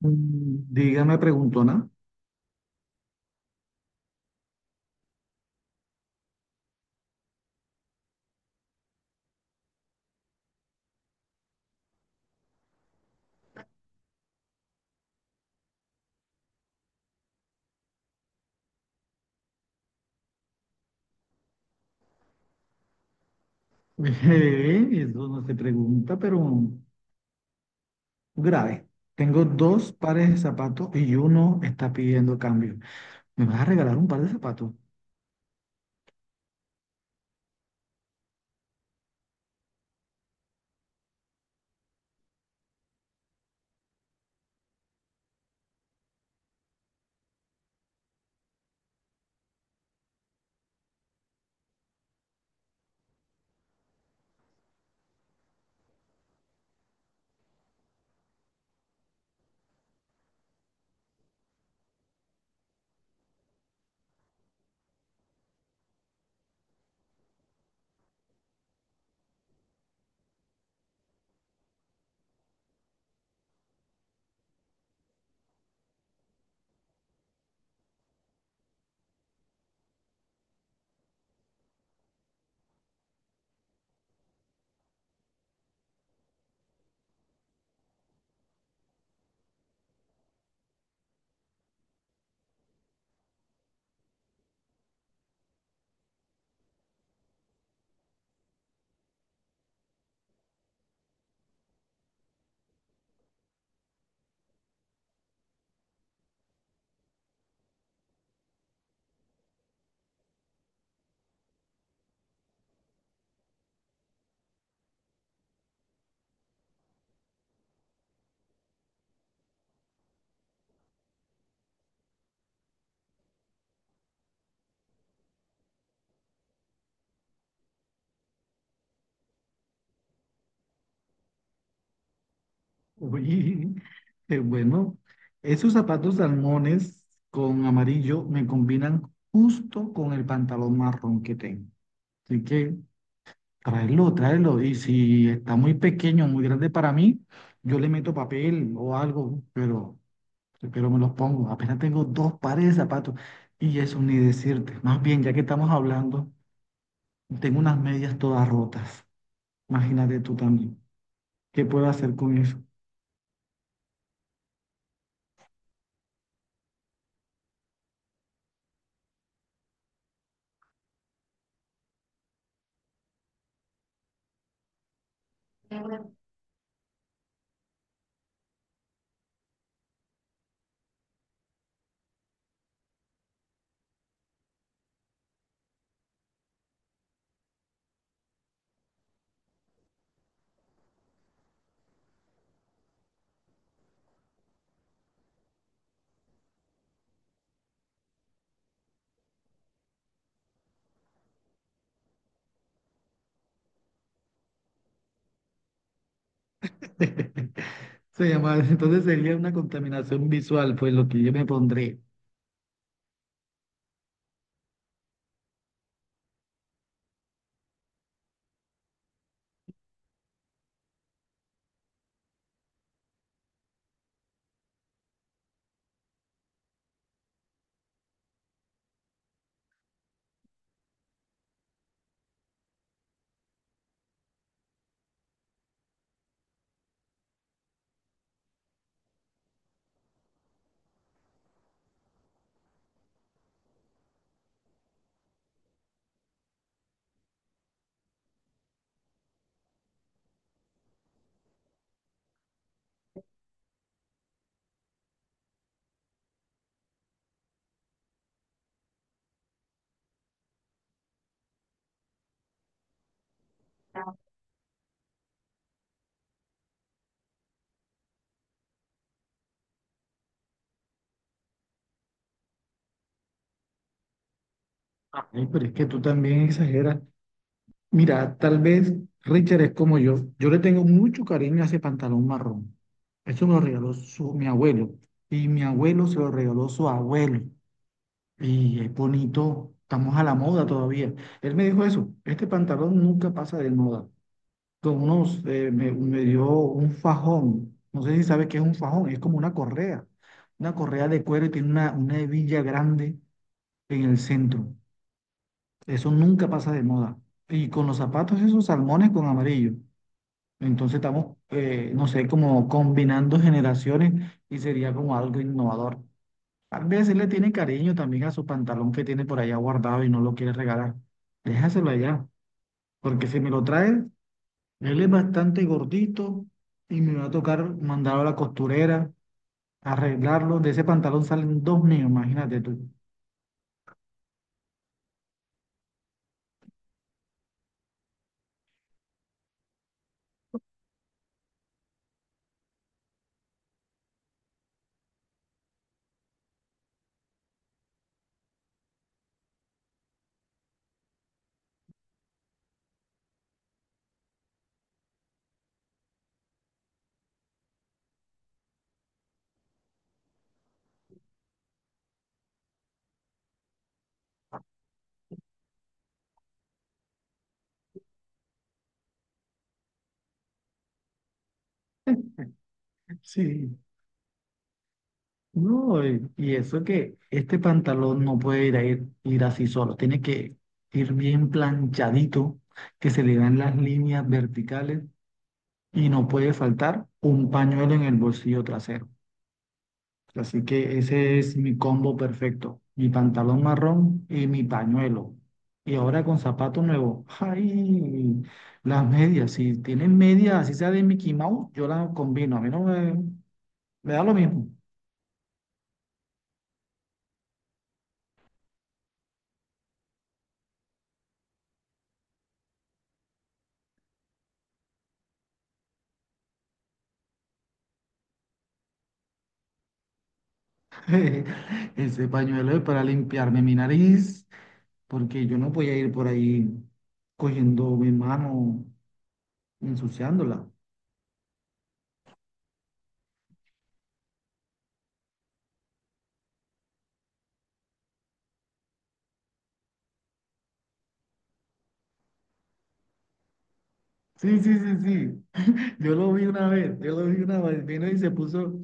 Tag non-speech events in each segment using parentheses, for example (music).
Mm, dígame, preguntona. (laughs) Eso no se pregunta, pero grave. Tengo dos pares de zapatos y uno está pidiendo cambio. ¿Me vas a regalar un par de zapatos? (laughs) Uy, bueno, esos zapatos salmones con amarillo me combinan justo con el pantalón marrón que tengo. Así que tráelo, tráelo. Y si está muy pequeño, muy grande para mí, yo le meto papel o algo, pero me los pongo. Apenas tengo dos pares de zapatos. Y eso ni decirte. Más bien, ya que estamos hablando, tengo unas medias todas rotas. Imagínate tú también. ¿Qué puedo hacer con eso? (laughs) Se llama, entonces sería una contaminación visual, pues lo que yo me pondré. Ay, pero es que tú también exageras. Mira, tal vez Richard es como yo. Yo le tengo mucho cariño a ese pantalón marrón. Eso me lo regaló su, mi abuelo. Y mi abuelo se lo regaló su abuelo. Y es bonito, estamos a la moda todavía. Él me dijo eso, este pantalón nunca pasa de moda. Con unos, me dio un fajón, no sé si sabes qué es un fajón, es como una correa de cuero y tiene una hebilla grande en el centro. Eso nunca pasa de moda. Y con los zapatos esos salmones con amarillo. Entonces estamos, no sé, como combinando generaciones y sería como algo innovador. Tal vez él le tiene cariño también a su pantalón que tiene por allá guardado y no lo quiere regalar. Déjaselo allá, porque si me lo trae, él es bastante gordito y me va a tocar mandarlo a la costurera, arreglarlo. De ese pantalón salen dos niños, imagínate tú. Sí. No, y eso que este pantalón no puede ir así solo, tiene que ir bien planchadito, que se le vean las líneas verticales y no puede faltar un pañuelo en el bolsillo trasero. Así que ese es mi combo perfecto. Mi pantalón marrón y mi pañuelo. Y ahora con zapato nuevo. ¡Ay! Las medias. Si tienen medias, así sea de Mickey Mouse, yo las combino. A mí no me, me da lo mismo. (laughs) Ese pañuelo es para limpiarme mi nariz, porque yo no voy a ir por ahí cogiendo mi mano, ensuciándola. Sí, sí, sí, sí. Yo lo vi una vez, yo lo vi una vez, vino y se puso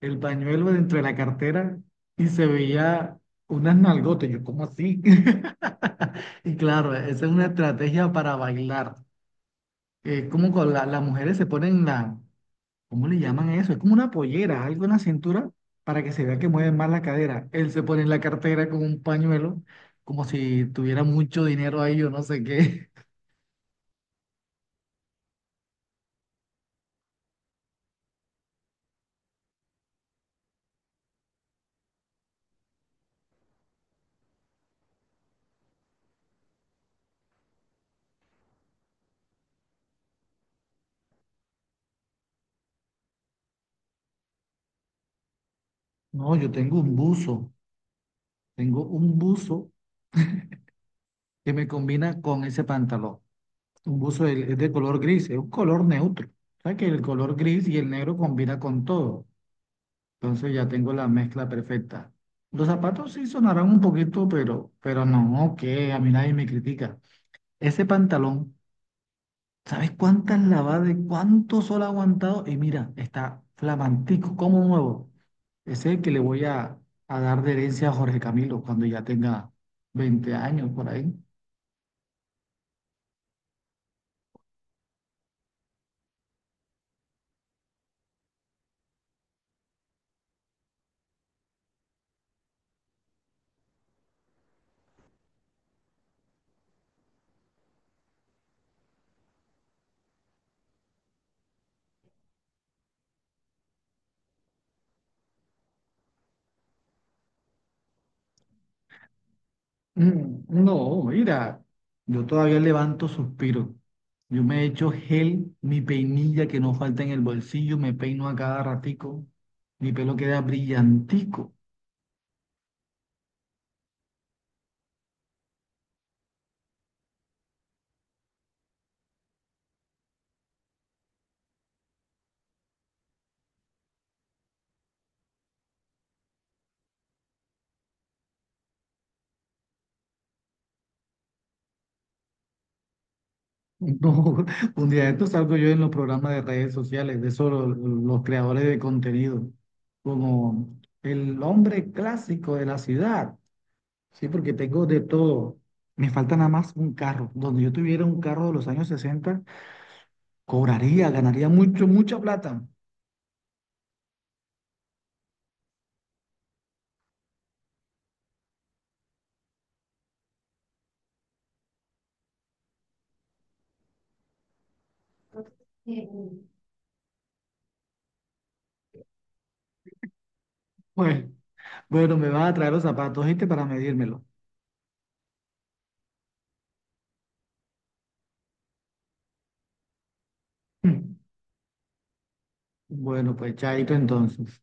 el pañuelo dentro de la cartera y se veía unas nalgotas, yo ¿cómo así? (laughs) Y claro, esa es una estrategia para bailar. Como con la- las mujeres se ponen la, ¿cómo le llaman eso? Es como una pollera, algo en la cintura para que se vea que mueven más la cadera. Él se pone en la cartera con un pañuelo, como si tuviera mucho dinero ahí, yo no sé qué. (laughs) No, yo tengo un buzo que me combina con ese pantalón. Un buzo de- es de color gris, es un color neutro. O sea que el color gris y el negro combina con todo. Entonces ya tengo la mezcla perfecta. Los zapatos sí sonarán un poquito, pero no, que a mí nadie me critica. Ese pantalón, ¿sabes cuántas lavadas y cuánto sol ha aguantado? Y mira, está flamantico, como nuevo. Ese es el que le voy a dar de herencia a Jorge Camilo cuando ya tenga 20 años por ahí. Mm, no, mira, yo todavía levanto suspiros. Yo me echo gel, mi peinilla que no falta en el bolsillo, me peino a cada ratico, mi pelo queda brillantico. No, (laughs) un día de esto salgo yo en los programas de redes sociales, de los creadores de contenido, como el hombre clásico de la ciudad, sí, porque tengo de todo. Me falta nada más un carro. Donde yo tuviera un carro de los años 60, cobraría, ganaría mucho, mucha plata. Mm. Pues, bueno, me vas a traer los zapatos, ¿viste? Para medírmelo. (laughs) Bueno, pues chaito entonces.